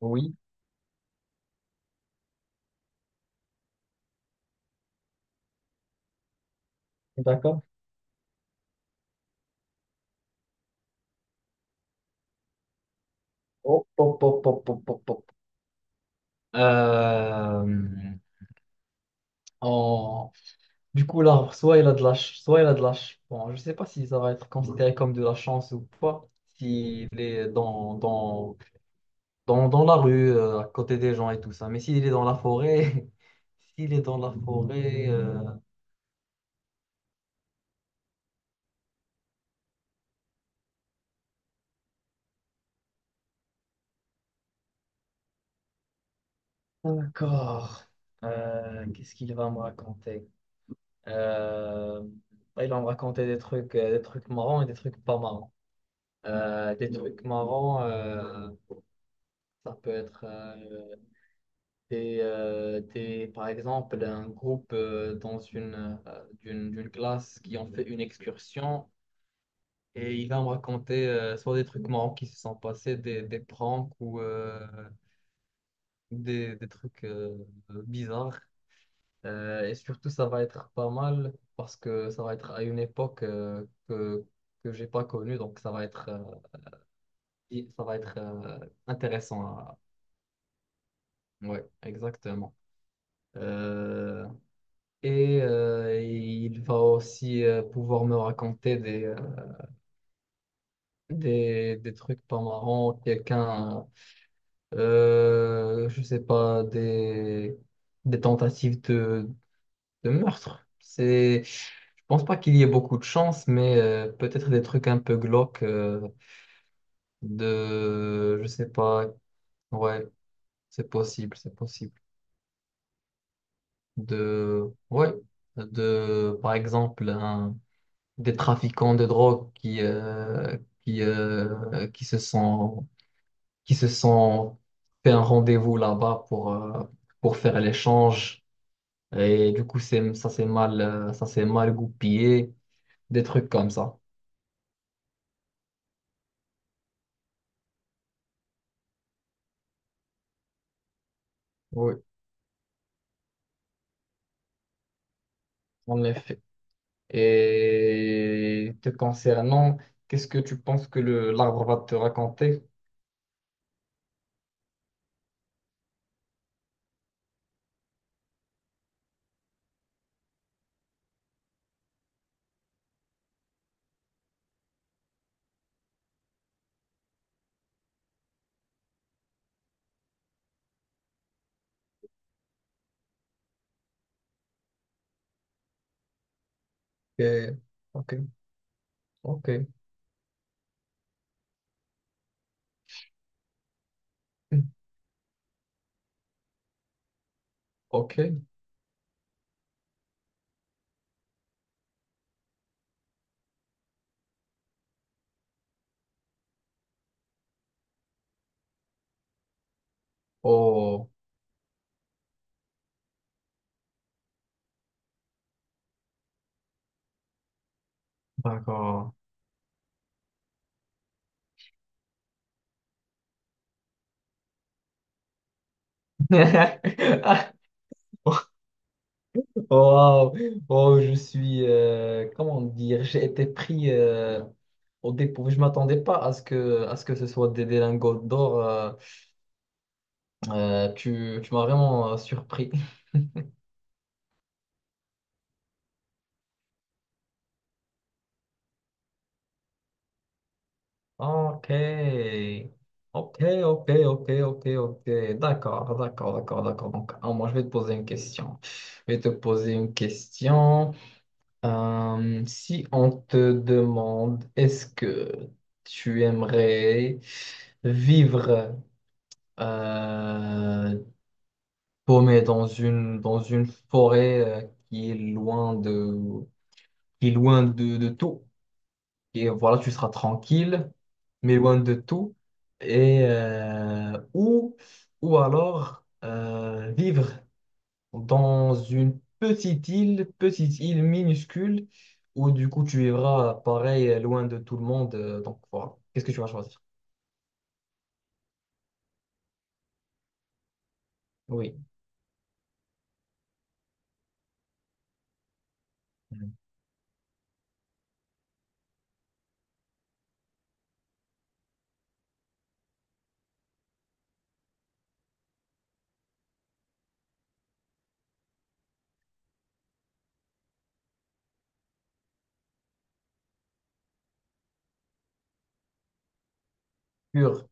Oui, d'accord. Hop, hop, hop, hop, hop, hop, hop. Euh, en- Du coup, l'arbre, soit il a de la Bon, je sais pas si ça va être considéré comme de la chance ou pas, s'il est dans la rue, à côté des gens et tout ça. Mais s'il est dans la forêt, s'il est dans la forêt... D'accord. Qu'est-ce qu'il va me raconter? Euh, bah, il va me raconter des trucs marrants et des trucs pas marrants. Des trucs marrants, ça peut être par exemple un groupe dans une d'une classe qui ont fait une excursion et il va me raconter soit des trucs marrants qui se sont passés, des pranks ou des trucs bizarres. Et surtout, ça va être pas mal parce que ça va être à une époque que j'ai pas connue, donc ça va être ça va être intéressant à ouais, exactement. Euh, et il va aussi pouvoir me raconter des trucs pas marrants, quelqu'un, je sais pas, des tentatives de meurtre. C'est, je pense pas qu'il y ait beaucoup de chance, mais peut-être des trucs un peu glauques de, je sais pas, ouais, c'est possible, c'est possible. De, ouais, de, par exemple, un des trafiquants de drogue qui se qui se sont fait un rendez-vous là-bas pour faire l'échange. Et du coup, ça s'est mal goupillé, des trucs comme ça. Oui, en effet. Et te concernant, qu'est-ce que tu penses que le l'arbre va te raconter? Ok, ok, ok, ok. Oh, d'accord. Wow, oh, je suis, comment dire, j'ai été pris. Au dépôt, je m'attendais pas à à ce que ce soit des lingots d'or. Tu m'as vraiment surpris. Ok. Ok, ok, ok, ok, ok. D'accord, d'accord, d'accord, d'accord. Donc, ah, moi, je vais te poser une question. Je vais te poser une question. Si on te demande, est-ce que tu aimerais vivre euh, paumé dans dans une forêt qui est loin de, qui est loin de tout. Et voilà, tu seras tranquille, mais loin de tout. Et, ou alors vivre dans une petite île minuscule, où du coup tu vivras pareil, loin de tout le monde. Donc voilà, qu'est-ce que tu vas choisir? Oui, pur.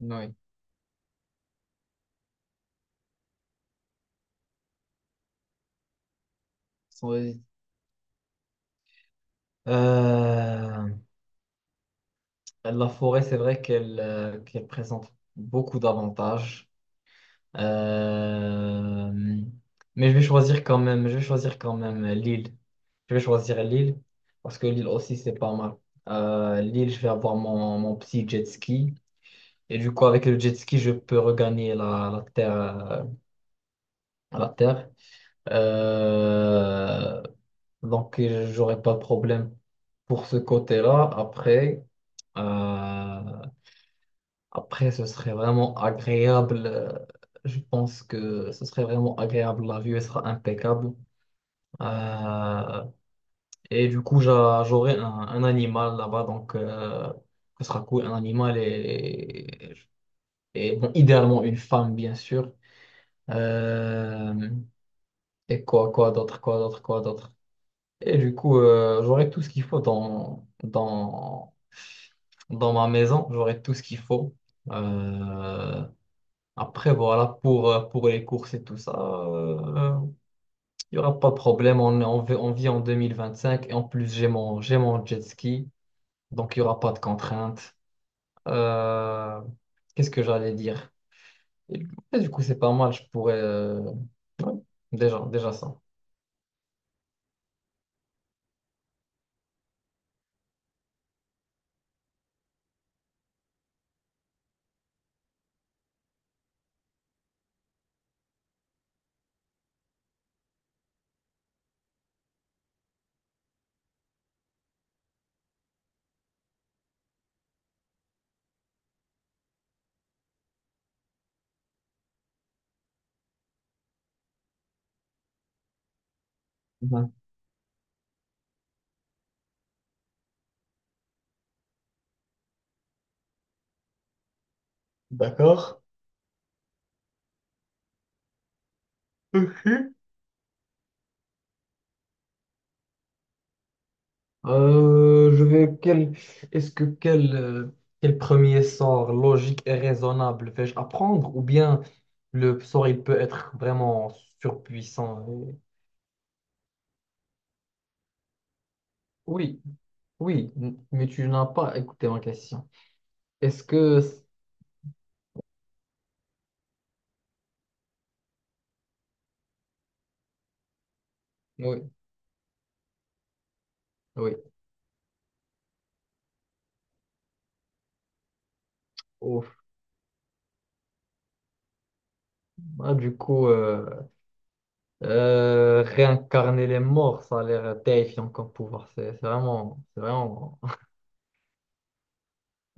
Oui, sans hésiter. Euh, La forêt, c'est vrai qu'elle qu'elle présente beaucoup d'avantages. Euh, mais je vais choisir quand même, je vais choisir quand même l'île. Je vais choisir l'île parce que l'île aussi, c'est pas mal. L'île, je vais avoir mon, mon petit jet ski. Et du coup, avec le jet ski, je peux regagner la terre. La terre. Euh, donc, j'aurai pas de problème pour ce côté-là. Après. Euh, Après, ce serait vraiment agréable. Je pense que ce serait vraiment agréable. La vue elle sera impeccable. Euh, et du coup, j'aurai un animal là-bas. Donc, ce sera cool. Un animal et bon, idéalement une femme, bien sûr. Euh, et quoi, quoi d'autre, quoi d'autre, quoi d'autre. Et du coup, j'aurai tout ce qu'il faut dans ma maison. J'aurai tout ce qu'il faut. Euh, Après, voilà, pour les courses et tout ça, il y n'y aura pas de problème. On vit en 2025 et en plus, j'ai mon jet ski, donc il n'y aura pas de contraintes. Euh, qu'est-ce que j'allais dire? Et du coup, c'est pas mal, je pourrais... ouais, déjà, déjà ça. Mhm. D'accord. Je vais quel quel premier sort logique et raisonnable vais-je apprendre ou bien le sort il peut être vraiment surpuissant et- Oui, mais tu n'as pas écouté ma question. Est-ce que oui, oui. Ouf. Ah, du coup réincarner les morts, ça a l'air terrifiant comme pouvoir. C'est vraiment c'est vraiment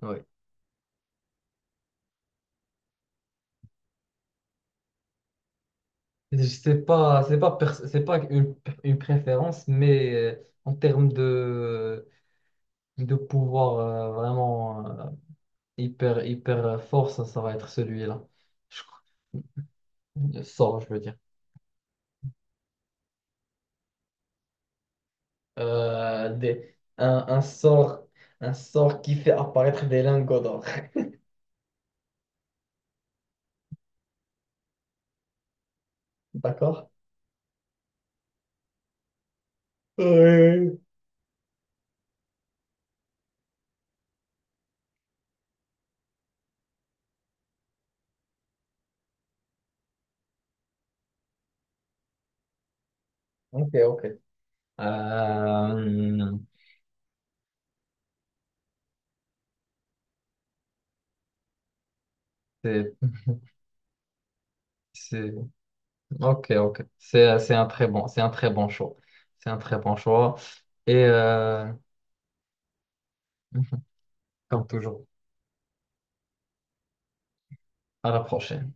oui. C'est pas une, une préférence, mais en termes de pouvoir vraiment hyper, hyper fort, ça va être celui-là. Je crois. Le sort, je veux dire. Euh, des, un, un sort, un sort qui fait apparaître des lingots d'or. D'accord? Ouais. Ok, ok. Euh, c'est, c'est, ok, ok. C'est un très bon, c'est un très bon choix. C'est un très bon choix. Et comme toujours. À la prochaine.